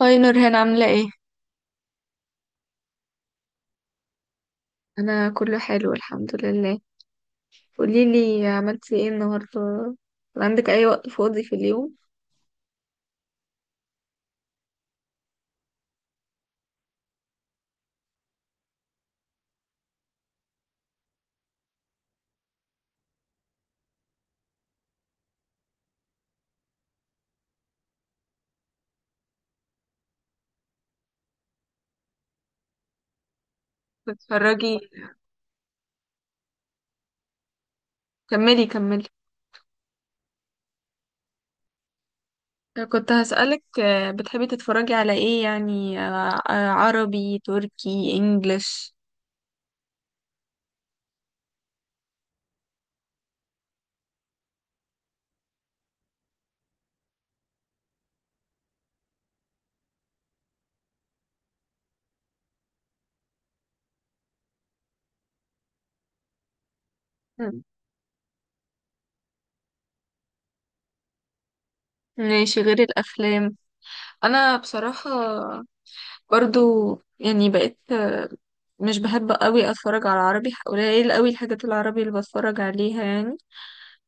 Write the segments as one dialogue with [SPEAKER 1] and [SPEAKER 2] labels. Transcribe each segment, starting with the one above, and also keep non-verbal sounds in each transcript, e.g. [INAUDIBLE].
[SPEAKER 1] هاي نورهان عاملة ايه؟ أنا كله حلو الحمد لله. قوليلي عملتي ايه النهاردة؟ عندك أي وقت فاضي في اليوم؟ بتتفرجي، كملي. كنت هسألك، بتحبي تتفرجي على ايه؟ يعني عربي، تركي، انجليش؟ مم. ماشي، غير الأفلام أنا بصراحة برضو يعني بقيت، مش بحب قوي أتفرج على عربي، قليل قوي الحاجات العربي اللي بتفرج عليها يعني.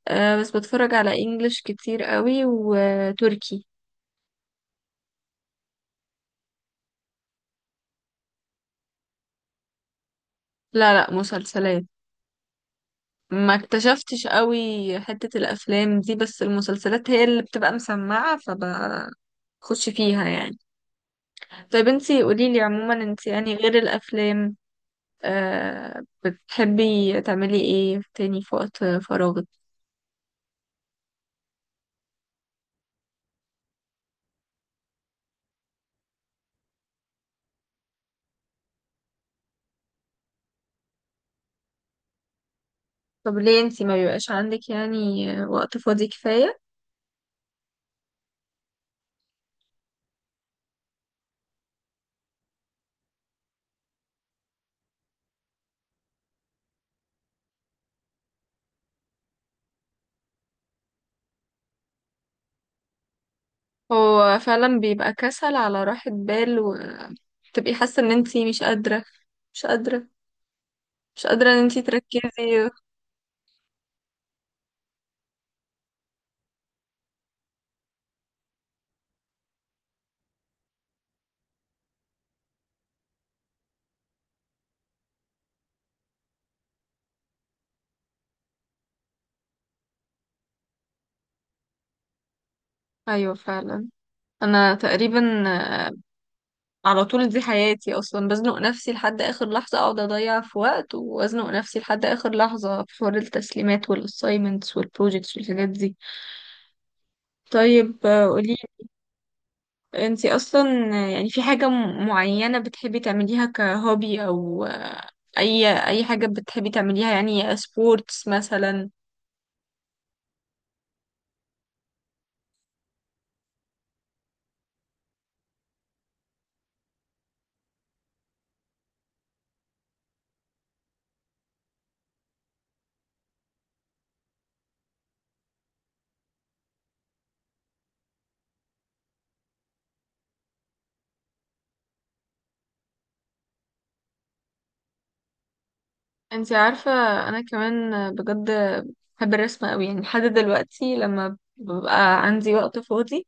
[SPEAKER 1] أه بس بتفرج على انجلش كتير قوي وتركي. لا, مسلسلات. ما اكتشفتش قوي حتة الافلام دي، بس المسلسلات هي اللي بتبقى مسمعة فبخش فيها يعني. طيب انتي قوليلي، عموما انتي يعني غير الافلام، أه بتحبي تعملي ايه تاني في وقت فراغك؟ طب ليه انتي ما بيبقاش عندك يعني وقت فاضي كفاية؟ هو فعلا بيبقى كسل على راحة بال، وتبقي حاسة ان انتي مش قادرة, مش قادرة ان انتي تركزي. ايوه فعلا. انا تقريبا، آه، على طول دي حياتي اصلا، بزنق نفسي لحد اخر لحظة، اقعد اضيع في وقت وازنق نفسي لحد اخر لحظة في حوار التسليمات والاسايمنتس والبروجيكتس والحاجات دي. طيب قولي، انتي اصلا، يعني في حاجة معينة بتحبي تعمليها كهوبي؟ او اي اي حاجة بتحبي تعمليها يعني، سبورتس مثلا؟ انتي عارفة، انا كمان بجد بحب الرسم قوي، يعني لحد دلوقتي لما ببقى عندي وقت فاضي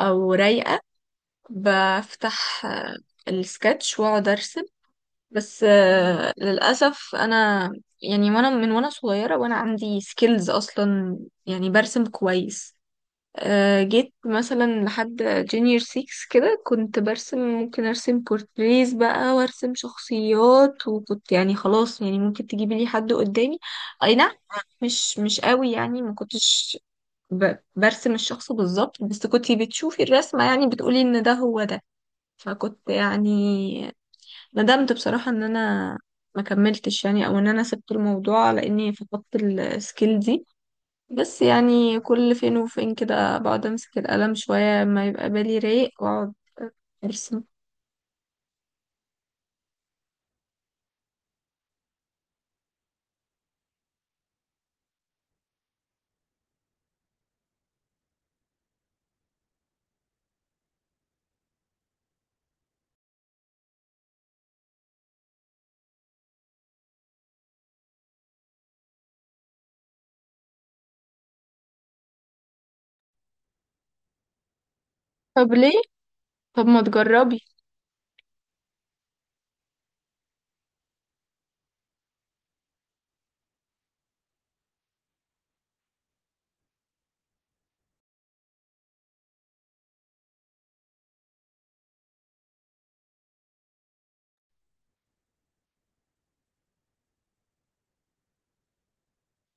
[SPEAKER 1] او رايقة، بفتح، السكتش واقعد ارسم. بس للأسف انا، يعني وانا من وانا صغيرة وانا عندي سكيلز اصلا، يعني برسم كويس. جيت مثلا لحد جونيور 6 كده كنت برسم، ممكن ارسم بورتريز بقى وارسم شخصيات، وكنت يعني خلاص، يعني ممكن تجيبي لي حد قدامي، اي نعم مش قوي يعني، ما كنتش برسم الشخص بالظبط، بس كنت بتشوفي الرسمة يعني بتقولي ان ده هو ده. فكنت يعني ندمت بصراحة ان انا ما كملتش يعني، او ان انا سبت الموضوع لاني فقدت السكيل دي. بس يعني كل فين وفين كده بقعد امسك القلم شوية ما يبقى بالي رايق واقعد ارسم. طب ليه؟ طب ما تجربي.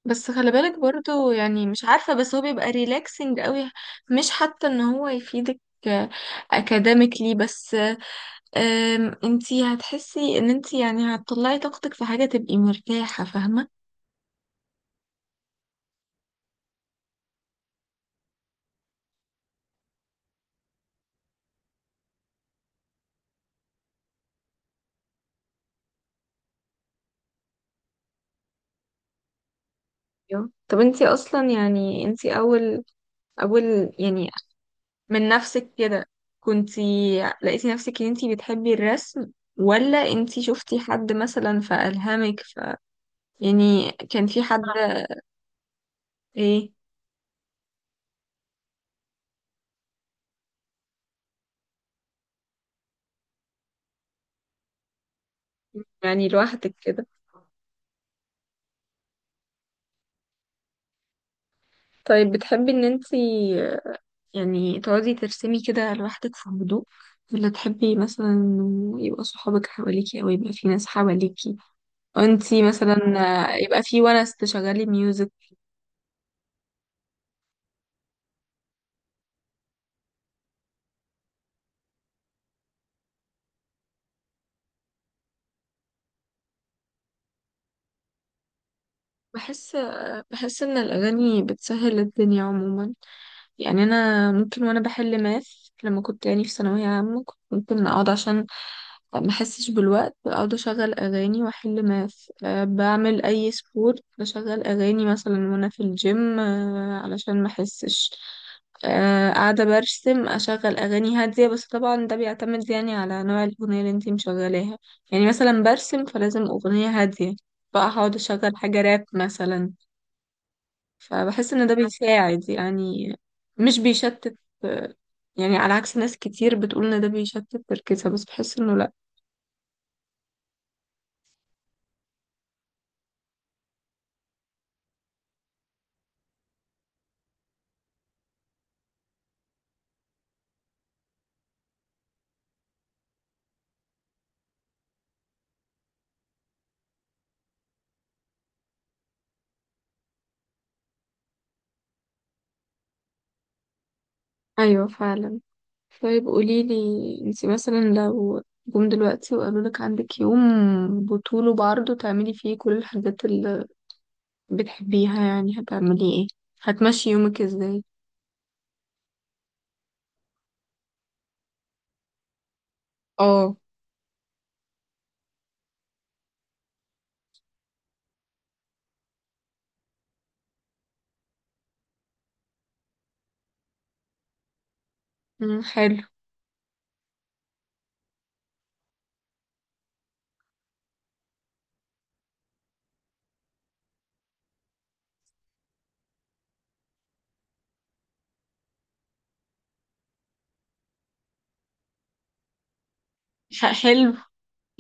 [SPEAKER 1] بس خلي بالك برضو، يعني مش عارفة، بس هو بيبقى ريلاكسنج قوي. مش حتى ان هو يفيدك اكاديميكلي بس، انتي هتحسي ان انتي يعني هتطلعي طاقتك في حاجة تبقي مرتاحة، فاهمة؟ أيوة. طب انتي اصلا يعني انتي، اول يعني، من نفسك كده كنتي لقيتي نفسك ان انتي بتحبي الرسم؟ ولا انتي شفتي حد مثلا فألهمك؟ ف يعني كان في حد؟ ايه؟ يعني لوحدك كده. طيب بتحبي ان انتي يعني تقعدي ترسمي كده لوحدك في هدوء؟ ولا تحبي مثلا انه يبقى صحابك حواليكي، او يبقى في ناس حواليكي وانتي مثلا يبقى في ونس تشغلي ميوزك؟ بحس بحس ان الاغاني بتسهل الدنيا عموما. يعني انا ممكن وانا بحل ماث، لما كنت يعني في ثانويه عامه، كنت ممكن اقعد عشان ما احسش بالوقت اقعد اشغل اغاني واحل ماث. أه بعمل اي سبورت بشغل اغاني مثلا وانا في الجيم أه علشان ما احسش. أه قاعده برسم اشغل اغاني هاديه. بس طبعا ده بيعتمد يعني على نوع الاغنيه اللي انتي مشغلاها. يعني مثلا برسم فلازم اغنيه هاديه، بقى هقعد اشغل حاجه راب مثلا. فبحس ان ده بيساعد يعني، مش بيشتت. يعني على عكس ناس كتير بتقول ان ده بيشتت تركيزها، بس بحس انه لا. ايوه فعلا. طيب قوليلي، انتي مثلا لو جم دلوقتي وقالولك عندك يوم بطوله بعرضه تعملي فيه كل الحاجات اللي بتحبيها، يعني هتعملي ايه؟ هتمشي يومك ازاي؟ اه. مم، حلو. حلو.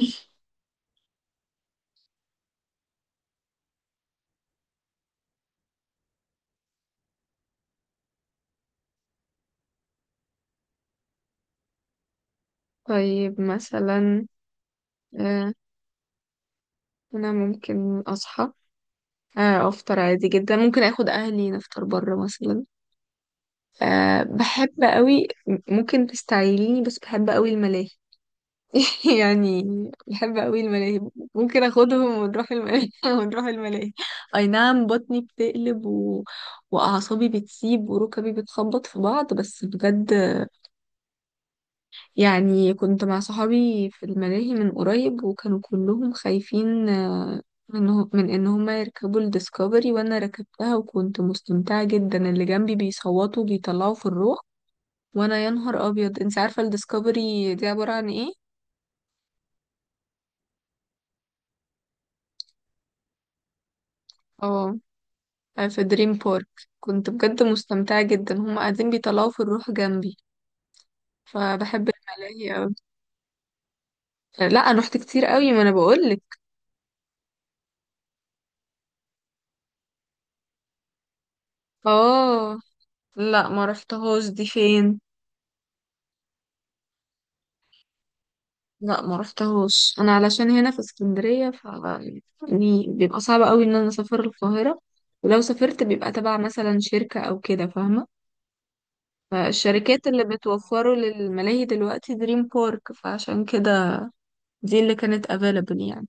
[SPEAKER 1] [LAUGHS] طيب مثلا، آه، انا ممكن اصحى، افطر عادي جدا، ممكن اخد اهلي نفطر بره مثلا. أه بحب قوي، ممكن تستعيليني بس بحب قوي الملاهي. [LAUGHS] يعني بحب قوي الملاهي، ممكن اخدهم ونروح الملاهي. [LAUGHS] ونروح الملاهي، اي نعم بطني بتقلب و... واعصابي بتسيب وركبي بتخبط في بعض، بس بجد يعني، كنت مع صحابي في الملاهي من قريب وكانوا كلهم خايفين، من من ان هما يركبوا الديسكفري، وانا ركبتها وكنت مستمتعة جدا، اللي جنبي بيصوتوا بيطلعوا في الروح، وانا يا نهار ابيض. انت عارفة الديسكفري دي عبارة عن ايه؟ اه في دريم بارك كنت بجد مستمتعة جدا، هما قاعدين بيطلعوا في الروح جنبي. فبحب الملاهي اوي. لا انا رحت كتير قوي، ما انا بقولك. اه لا ما رحتهاش، دي فين؟ لا ما رحتهوش انا، علشان هنا في اسكندريه، ف يعني بيبقى صعب قوي ان انا اسافر القاهره، ولو سافرت بيبقى تبع مثلا شركه او كده، فاهمه؟ فالشركات اللي بتوفره للملاهي دلوقتي دريم بارك، فعشان كده دي اللي كانت available يعني.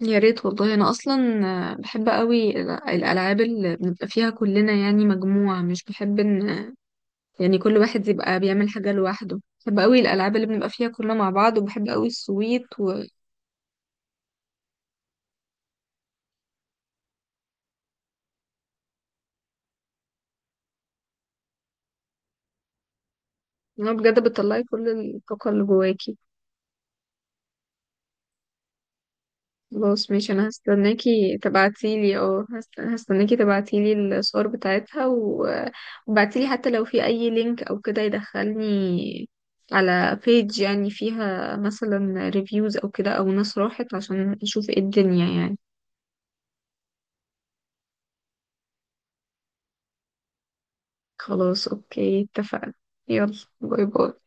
[SPEAKER 1] يا ريت والله. انا اصلا بحب قوي الالعاب اللي بنبقى فيها كلنا، يعني مجموعه، مش بحب ان يعني كل واحد يبقى بيعمل حاجه لوحده. بحب قوي الالعاب اللي بنبقى فيها كلنا مع بعض، وبحب قوي السويت. هو بجد بتطلعي كل الطاقة اللي جواكي. خلاص ماشي، انا هستناكي تبعتيلي، اه هستناكي تبعتيلي الصور بتاعتها و... وبعتيلي حتى لو في اي لينك او كده يدخلني على بيج يعني فيها مثلا ريفيوز او كده، او ناس راحت، عشان اشوف ايه الدنيا يعني. خلاص اوكي، اتفقنا. يلا، باي باي.